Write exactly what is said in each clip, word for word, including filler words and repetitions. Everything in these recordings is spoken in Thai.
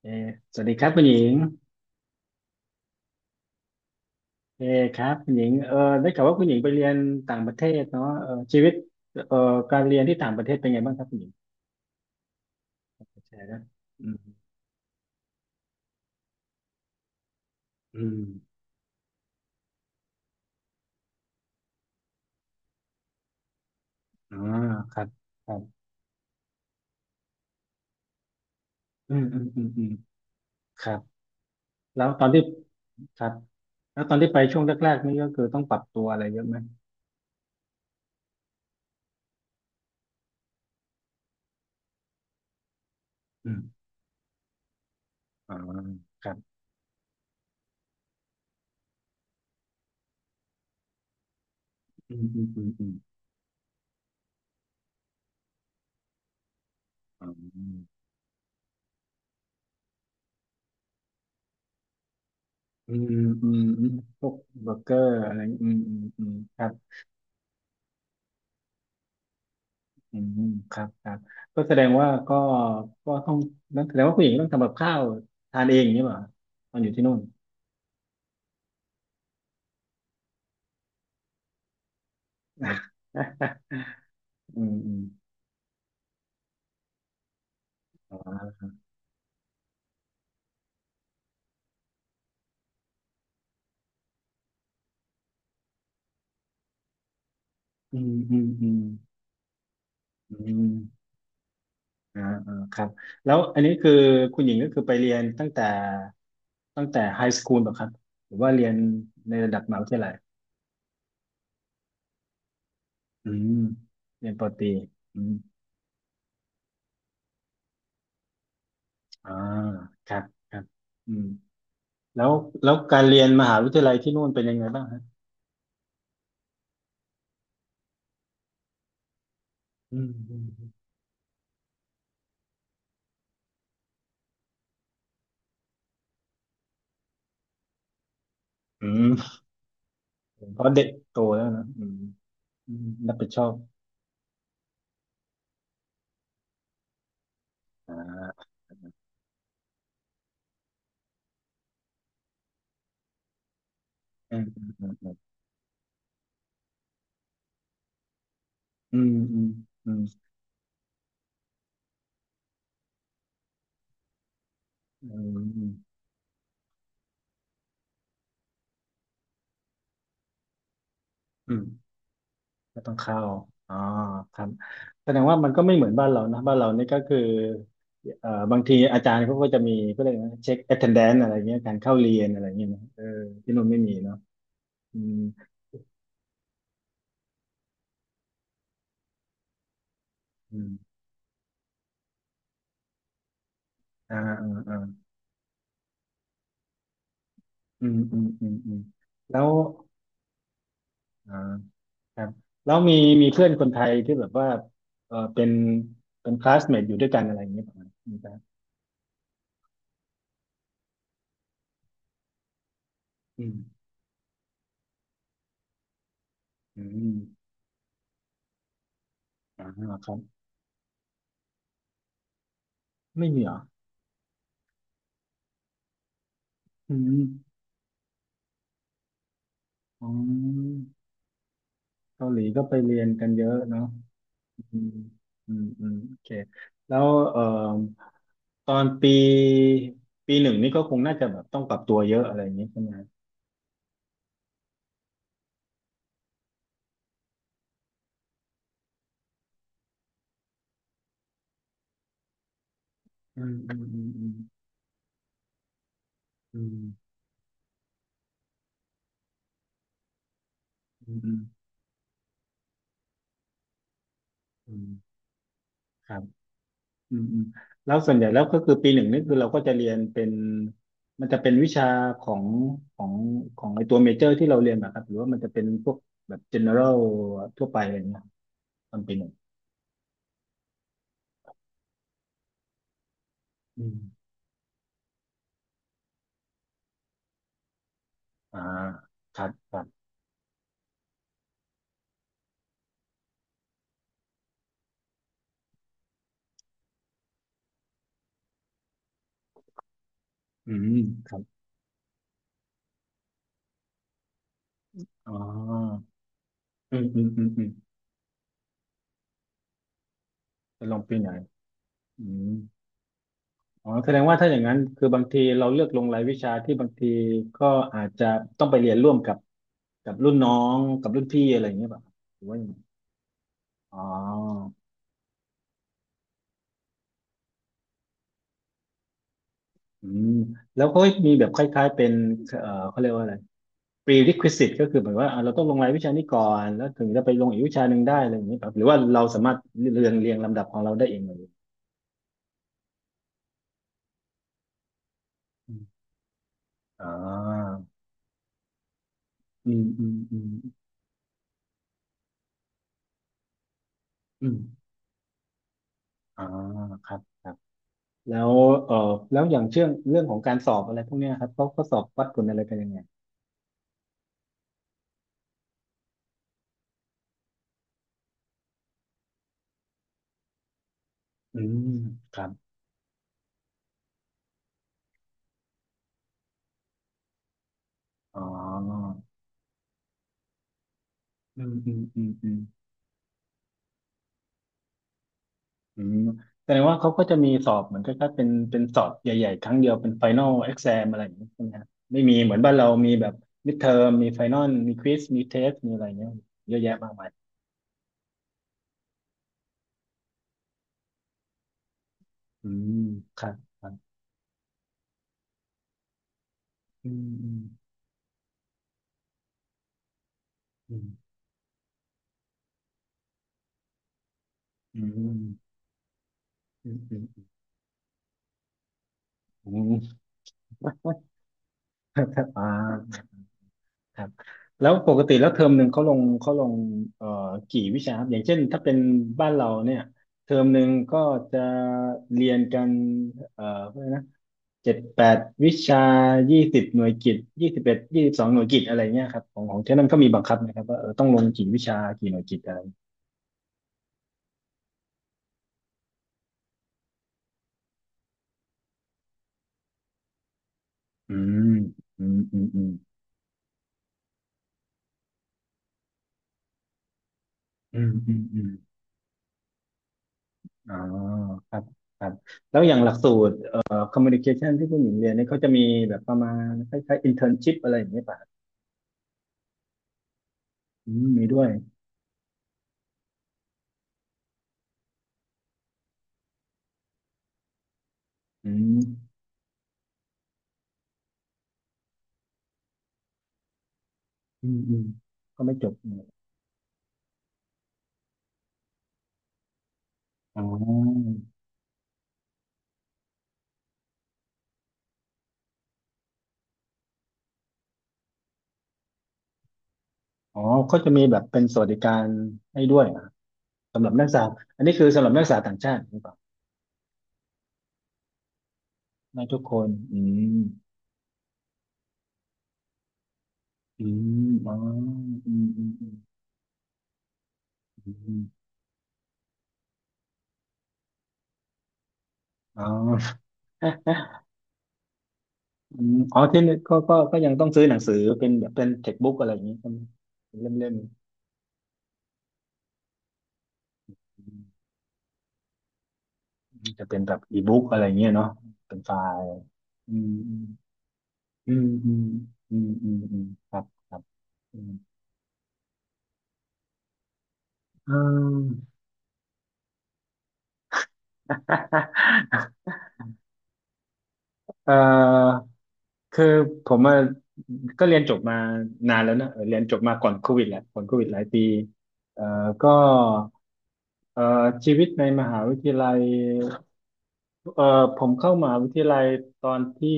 เออสวัสดีครับคุณหญิงเออครับคุณหญิงเออได้ข่าวว่าคุณหญิงไปเรียนต่างประเทศเนาะเออชีวิตเออการเรียนที่ต่างประเทศเป็นไงบ้างครับคุณหญิงแชร์นะอืมอืมอาครับครับอืมอืมอืมอืมครับแล้วตอนที่ครับแล้วตอนที่ไปช่วงแรกๆนี่ก็คือต้องปรับตัวอะไรเยอะไหมอืมอ่าครับอืมอืมอืมอืมอาอืมอืมอืมพวกเบอร์เกอร์อะไรอืมอืมอืมครับ อืมครับครับก็แสดงว่าก็ก็ต้องนั่นแสดงว่าผู้หญิงต้องทำกับข้าวทานเองอย่างนี้เหรอตอนอยู่ที่นู่น อืมอืมอ๋ออืมอืมอืมอืมอ่าอ่าครับแล้วอันนี้คือคุณหญิงก็คือไปเรียนตั้งแต่ตั้งแต่ไฮสคูลป่ะครับหรือว่าเรียนในระดับมหาวิทยาลัยอืมเรียนปอตรีอืมอ่าครับครับอืมแล้วแล้วการเรียนมหาวิทยาลัยที่นู่นเป็นยังไงบ้างฮะอืม อืมเพราะเด็กโตแล้วนะอืมอืมรับผิดชอบอ่าอืมอืมอืมอืมอืมอืมอืมอืมก็ต้องเข้าอ๋อครับแสดงว่ามันก็ไม่เหมือนบ้านเรานะบ้านเรานี่ก็คือเอ่อบางทีอาจารย์เขาก็จะมีก็เลยกนะเช็ค attendance อะไรเงี้ยการเข้าเรียนอะไรเงี้ยนะเออที่นู่นไม่มีเนาะอืมอืมอ่าอ่าอ่าอืมอืมอืมอืมแล้วอ่า ครับแล้วมีมีเพื่อนคนไทยที่แบบว่าเออเป็นเป็นคลาสเมทอยู่ด้วยกันอะไรอย่างเงี้ยประมาณนี้ครับอืมอืมอ่าครับไม่มีเหรออืมอ๋อเกาหลีก็ไปเรียนกันเยอะเนาะอืมอืมอืมโอเคแล้วเอ่อตอนปีปีหนึ่งนี่ก็คงน่าจะแบบต้องปรับตัวเยอะอะไรอย่างเงี้ยใช่ไหมอืมอืมอืมอืมอืมอืมอืมอืมครับ อืมอืมแล้วส่วนใหญ่แล้วก็คือปีหนึ่งนี่คือเราก็จะเรียนเป็นมันจะเป็นวิชาของของของไอตัวเมเจอร์ที่เราเรียนมาครับหรือว่ามันจะเป็นพวกแบบ general ทั่วไปอะไรเงี้ยตอนปีหนึ่งอืมอ่าครับครับอืมครับอ๋ออืมอืมอืมอืมจะลงปีไหนอืมอ๋อแสดงว่าถ้าอย่างนั้นคือบางทีเราเลือกลงรายวิชาที่บางทีก็อาจจะต้องไปเรียนร่วมกับกับรุ่นน้องกับรุ่นพี่อะไรอย่างเงี้ยป่ะหรือว่ายังไงอ๋อ อืมแล้วเขามีแบบคล้ายๆเป็นเอ่อเขาเรียกว่าอะไร prerequisite ก็คือเหมือนว่าอ่ะเราต้องลงรายวิชานี้ก่อนแล้วถึงจะไปลงอีกวิชาหนึ่งได้อะไรอย่างนี้ครับหรือว่าเราสามารถเรียงเรียงลำดับของเราได้เองเลยอืมอ่าอืมอืมอืมอืมอ่าครับครับแล้วเอ่อแล้วอย่างเชื่องเรื่องของการสอบอะไรพวกเนี้ยครับเขาเขาสอบวัดผลอะไรกันยังไงอืมครับอ๋ออืมอืมอืมอืม อืมแสดงว่าเขาก็จะมีสอบเหมือนกับเป็นเป็นสอบใหญ่ๆครั้งเดียวเป็นไฟนอลเอ็กซมอะไรอย่างนี้ใช่ไหมครับไม่มีเหมือนบ้านเรามีแบบมิดเทอมมีไฟนอลมีควิสมีเทสมีอะไรเงี้ยเยอะแยะมากมายอืมครับครับอืมอืมอืมอืมอืมอืมก็จะอ่าครับแล้วปกติแล้วเทอมหนึ่งเขาลงเขาลงเอ่อกี่วิชาครับอย่างเช่นถ้าเป็นบ้านเราเนี่ยเทอมหนึ่งก็จะเรียนกันเอ่อ เจ็ดแปดวิชายี่สิบหน่วยกิตยี่สิบเอ็ดยี่สิบสองหน่วยกิตอะไรเงี้ยครับของของเท่านั้นก็มีบังคับนะครับว่าเออต้องลงกี่วิชากี่หน่วยกิตอะไรอืมอืมอืมอืมอืมอืมอืมอ๋อครับครับแล้วอย่างหลักสูตรเอ่อคอมมูนิเคชันที่ผู้หญิงเรียนเนี่ยเขาจะมีแบบประมาณคล้ายๆอินเทอร์นชิพอะไรอย่างเงี้ยป่ะอืมมีด้วยอืมอืมอืมก็ไม่จบอ๋ออ๋อเขาจะมีแบบเป็นสวัสดิการให้ด้วยเหรอครับสำหรับนักศึกษาอันนี้คือสำหรับนักศึกษาต่างชาติหรือเปล่า ได้ทุกคนอืมอืมอ๋ออืมอืมอืมอืมอ๋อ อืมอ๋อที่นี่ก็ก็ก็ยังต้องซื้อหนังสือเป็นแบบเป็นเท็กบุ๊กอะไรอย่างนี้ใช่ไหมเป็นเล่มเล่มอืมจะเป็นแบบอีบุ๊กอะไรอย่างเงี้ยเนาะเป็นไฟล์อืมอืมอืมอืมอืมอืมอืมครับครับอืมอืม เอ่อคือผมอะก็เรียนจบมานานแล้วนะเออเรียนจบมาก่อนโควิดแหละก่อนโควิดหลายปีเอ่อก็เอ่อชีวิตในมหาวิทยาลัยเอ่อผมเข้ามหาวิทยาลัยตอนที่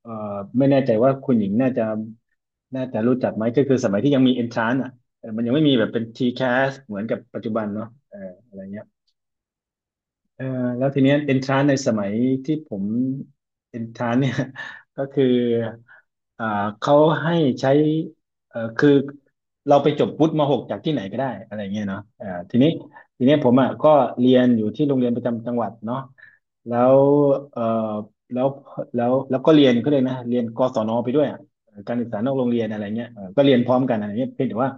เอ่อไม่แน่ใจว่าคุณหญิงน่าจะน่าจะรู้จักไหมก็คือสมัยที่ยังมี เอ็นทรานซ์ อ่ะเออมันยังไม่มีแบบเป็น ที แคส เหมือนกับปัจจุบันเนาะเอออะไรเงี้ย เออแล้วทีเนี้ยเอนทรานในสมัยที่ผมเอนทรานเนี่ย ก็คืออ่าเขาให้ใช้เออคือเราไปจบวุฒิมหกจากที่ไหนก็ได้อะไรเงี้ยเนาะเออทีนี้ทีเนี้ยผมอ่ะก็เรียนอยู่ที่โรงเรียนประจำจังหวัดเนาะแล้วเออแล้วแล้วแล้วก็เรียนก็เลยกนะเรียนกศนไปด้วยอะการศึกษานอกโรงเรียนอะไรเงี้ยเออก็เรียนพร้อมกันอะไรเงี้ยเพียงแต่ว่า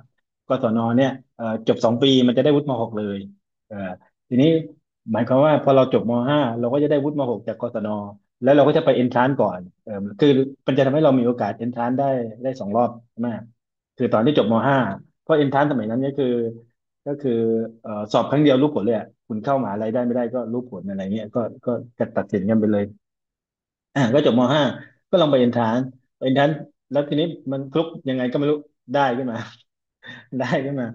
กศนเนี่ยเออจบสองปีมันจะได้วุฒิมหกเลยเออทีนี้ หมายความว่าพอเราจบม .ห้า เราก็จะได้วุฒิม .หก จากกศนแล้วเราก็จะไปเอนทรานก่อนเออคือมันจะทำให้เรามีโอกาสเอนทรานได้ได้สองรอบมากคือตอนที่จบม .ห้า เพราะเอนทรานสมัยนั้นก็คือก็คือเอ่อสอบครั้งเดียวรู้ผลเลยอะคุณเข้ามหาลัยได้ไม่ได้ก็รู้ผลอะไรเงี้ยก็ก็กะตัดสินกันไปเลยอ่ะก็จบม .ห้า ก็ลองไปเอนทรานเอนทรานแล้วทีนี้มันคลุกยังไงก็ไม่รู้ได้ขึ้นมา ได้ขึ้นมา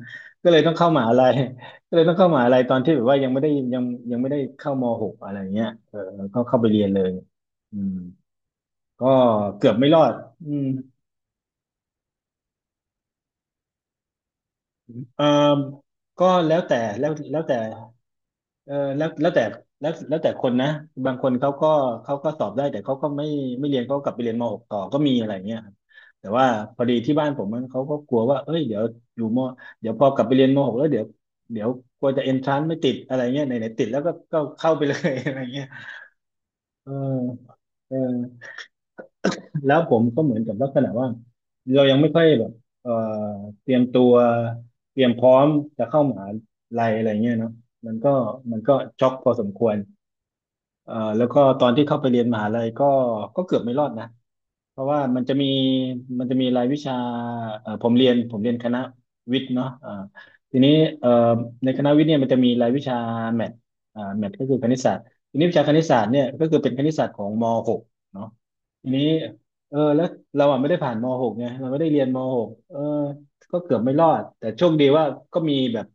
ก็เลยต้องเข้ามหาลัย ก็เลยต้องเข้ามหาลัยตอนที่แบบว่ายังไม่ได้ยังยังไม่ได้เข้ามหกอะไรเงี้ยเออก็เข้าไปเรียนเลยอืมก็เกือบไม่รอดอืมเออก็แล้วแต่แล้วแล้วแต่ เออแล้วแล้วแต่แล้วแล้วแต่คนนะบางคนเขาก็เขาก็สอบได้แต่เขาก็ไม่ไม่เรียนเขาก็กลับไปเรียนมหกต่อก็มีอะไรเงี้ยครับแต่ว่าพอดีที่บ้านผมมันเขาก็กลัวว่าเอ้ยเดี๋ยวอยู่มเดี๋ยวพอกลับไปเรียนมหกแล้วเดี๋ยวเดี๋ยวกลัวจะเอนทรานไม่ติดอะไรเงี้ยไหนไหนติดแล้วก็ก็เข้าไปเลย อะไรเงี้ยเออเออแล้วผมก็เหมือนกับลักษณะว่าเรายังไม่ค่อยแบบเอ่อเตรียมตัวเตรียมพร้อมจะเข้ามหาลัยอะไรเงี้ยเนาะมันก็มันก็ช็อกพอสมควร เอ่อแล้วก็ตอนที่เข้าไปเรียนมหาลัยก็ก็เกือบไม่รอดนะเพราะว่ามันจะมีมันจะมีรายวิชาเอ่อผมเรียนผมเรียนคณะวิทย์เนาะอ่าทีนี้เอ่อในคณะวิทย์เนี่ยมันจะมีรายวิชาแมทอ่าแมทก็คือคณิตศาสตร์ทีนี้วิชาคณิตศาสตร์เนี่ยก็คือเป็นคณิตศาสตร์ของม .หก เนาะทีนี้เออแล้วเราอ่ะไม่ได้ผ่านม .หก ไงเราไม่ได้เรียนม .หก เออ ก็เกือบไม่รอดแต่โชคดีว่าก็มีแบบ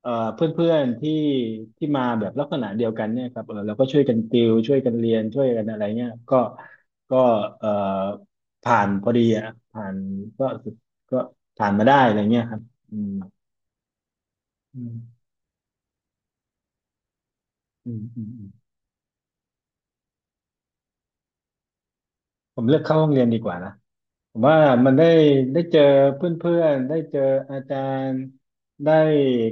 เอ่อเพื่อนๆที่ที่มาแบบลักษณะเดียวกันเนี่ยครับเออเราก็ช่วยกันติวช่วยกันเรียนช่วยกันอะไรเงี้ยก็ก็เอ่อผ่านพอดีอะผ่านก็ก็ผ่านมาได้อะไรเงี้ยครับอืมอืมอืมอืมผมเลือกเข้าห้องเรียนดีกว่านะ ผมว่ามันได้ได้เจอเพื่อนๆได้เจออาจารย์ได้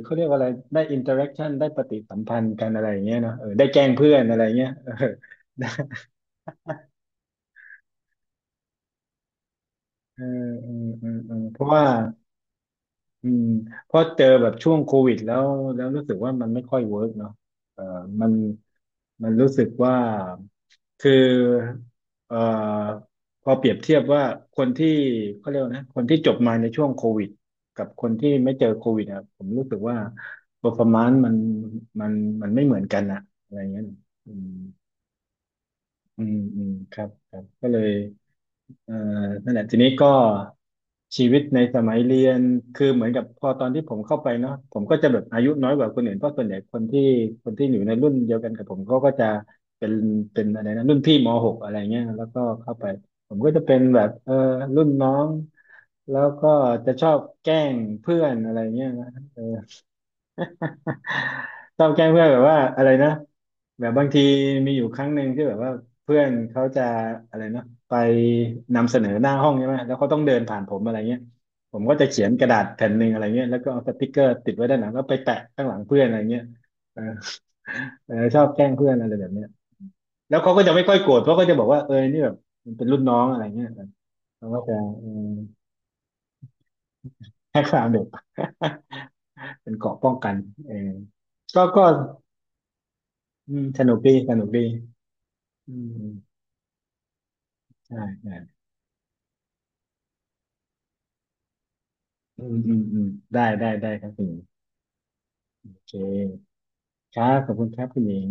เขาเรียกว่าอะไรได้อินเตอร์แอคชั่นได้ปฏิสัมพันธ์กันอะไรอย่างเงี้ยเนาะเออได้แกล้งเพื่อนอะไรเงี้ยเออ้ เออเออเออเพราะว่า อืมเพราะเจอแบบช่วงโควิดแล้วแล้วรู้สึกว่ามันไม่ค่อยเวิร์กเนาะเออมันมันรู้สึกว่าคือเออพอเปรียบเทียบว่าคนที่เขาเรียกว่านะคนที่จบมาในช่วงโควิดกับคนที่ไม่เจอโควิดอะผมรู้สึกว่า เพอร์ฟอร์แมนซ์ มันมันมันไม่เหมือนกันอะอะไรเงี้ยอืม อืมอืมครับครับก็เลยเอ่อนั่นแหละทีนี้ก็ชีวิตในสมัยเรียนคือเหมือนกับพอตอนที่ผมเข้าไปเนาะผมก็จะแบบอายุน้อยกว่าคนอื่นเพราะส่วนใหญ่คนที่คนที่อยู่ในรุ่นเดียวกันกับผมเขาก็จะเป็นเป็นอะไรนะรุ่นพี่มหกอะไรเงี้ยแล้วก็เข้าไปผมก็จะเป็นแบบเออรุ่นน้องแล้วก็จะชอบแกล้งเพื่อนอะไรเงี้ยนะ ชอบแกล้งเพื่อนแบบว่าอะไรนะแบบบางทีมีอยู่ครั้งหนึ่งที่แบบว่าเพื่อนเขาจะอะไรนะไปนำเสนอหน้าห้องใช่ไหมแล้วเขาต้องเดินผ่านผมอะไรเงี้ยผมก็จะเขียนกระดาษแผ่นหนึ่งอะไรเงี้ยแล้วก็เอาสติกเกอร์ติดไว้ด้านหลังแล้วไปแปะข้างหลังเพื่อนอะไรเงี้ยเออเออชอบแกล้งเพื่อนอะไรแบบเนี้ยแล้วเขาก็จะไม่ค่อยโกรธเพราะเขาก็จะบอกว่าเออนี่แบบมันเป็นรุ่นน้องอะไรเงี้ยเขาก็จะเออให้ความเด็ก เป็นเกราะป้องกันเออก็ก็อืมสนุกดีสนุกดี อืมใช่ใช่อืมอืมอืมได้ได้ได้ครับคุณหญิงโอเคครับขอบคุณครับคุณหญิง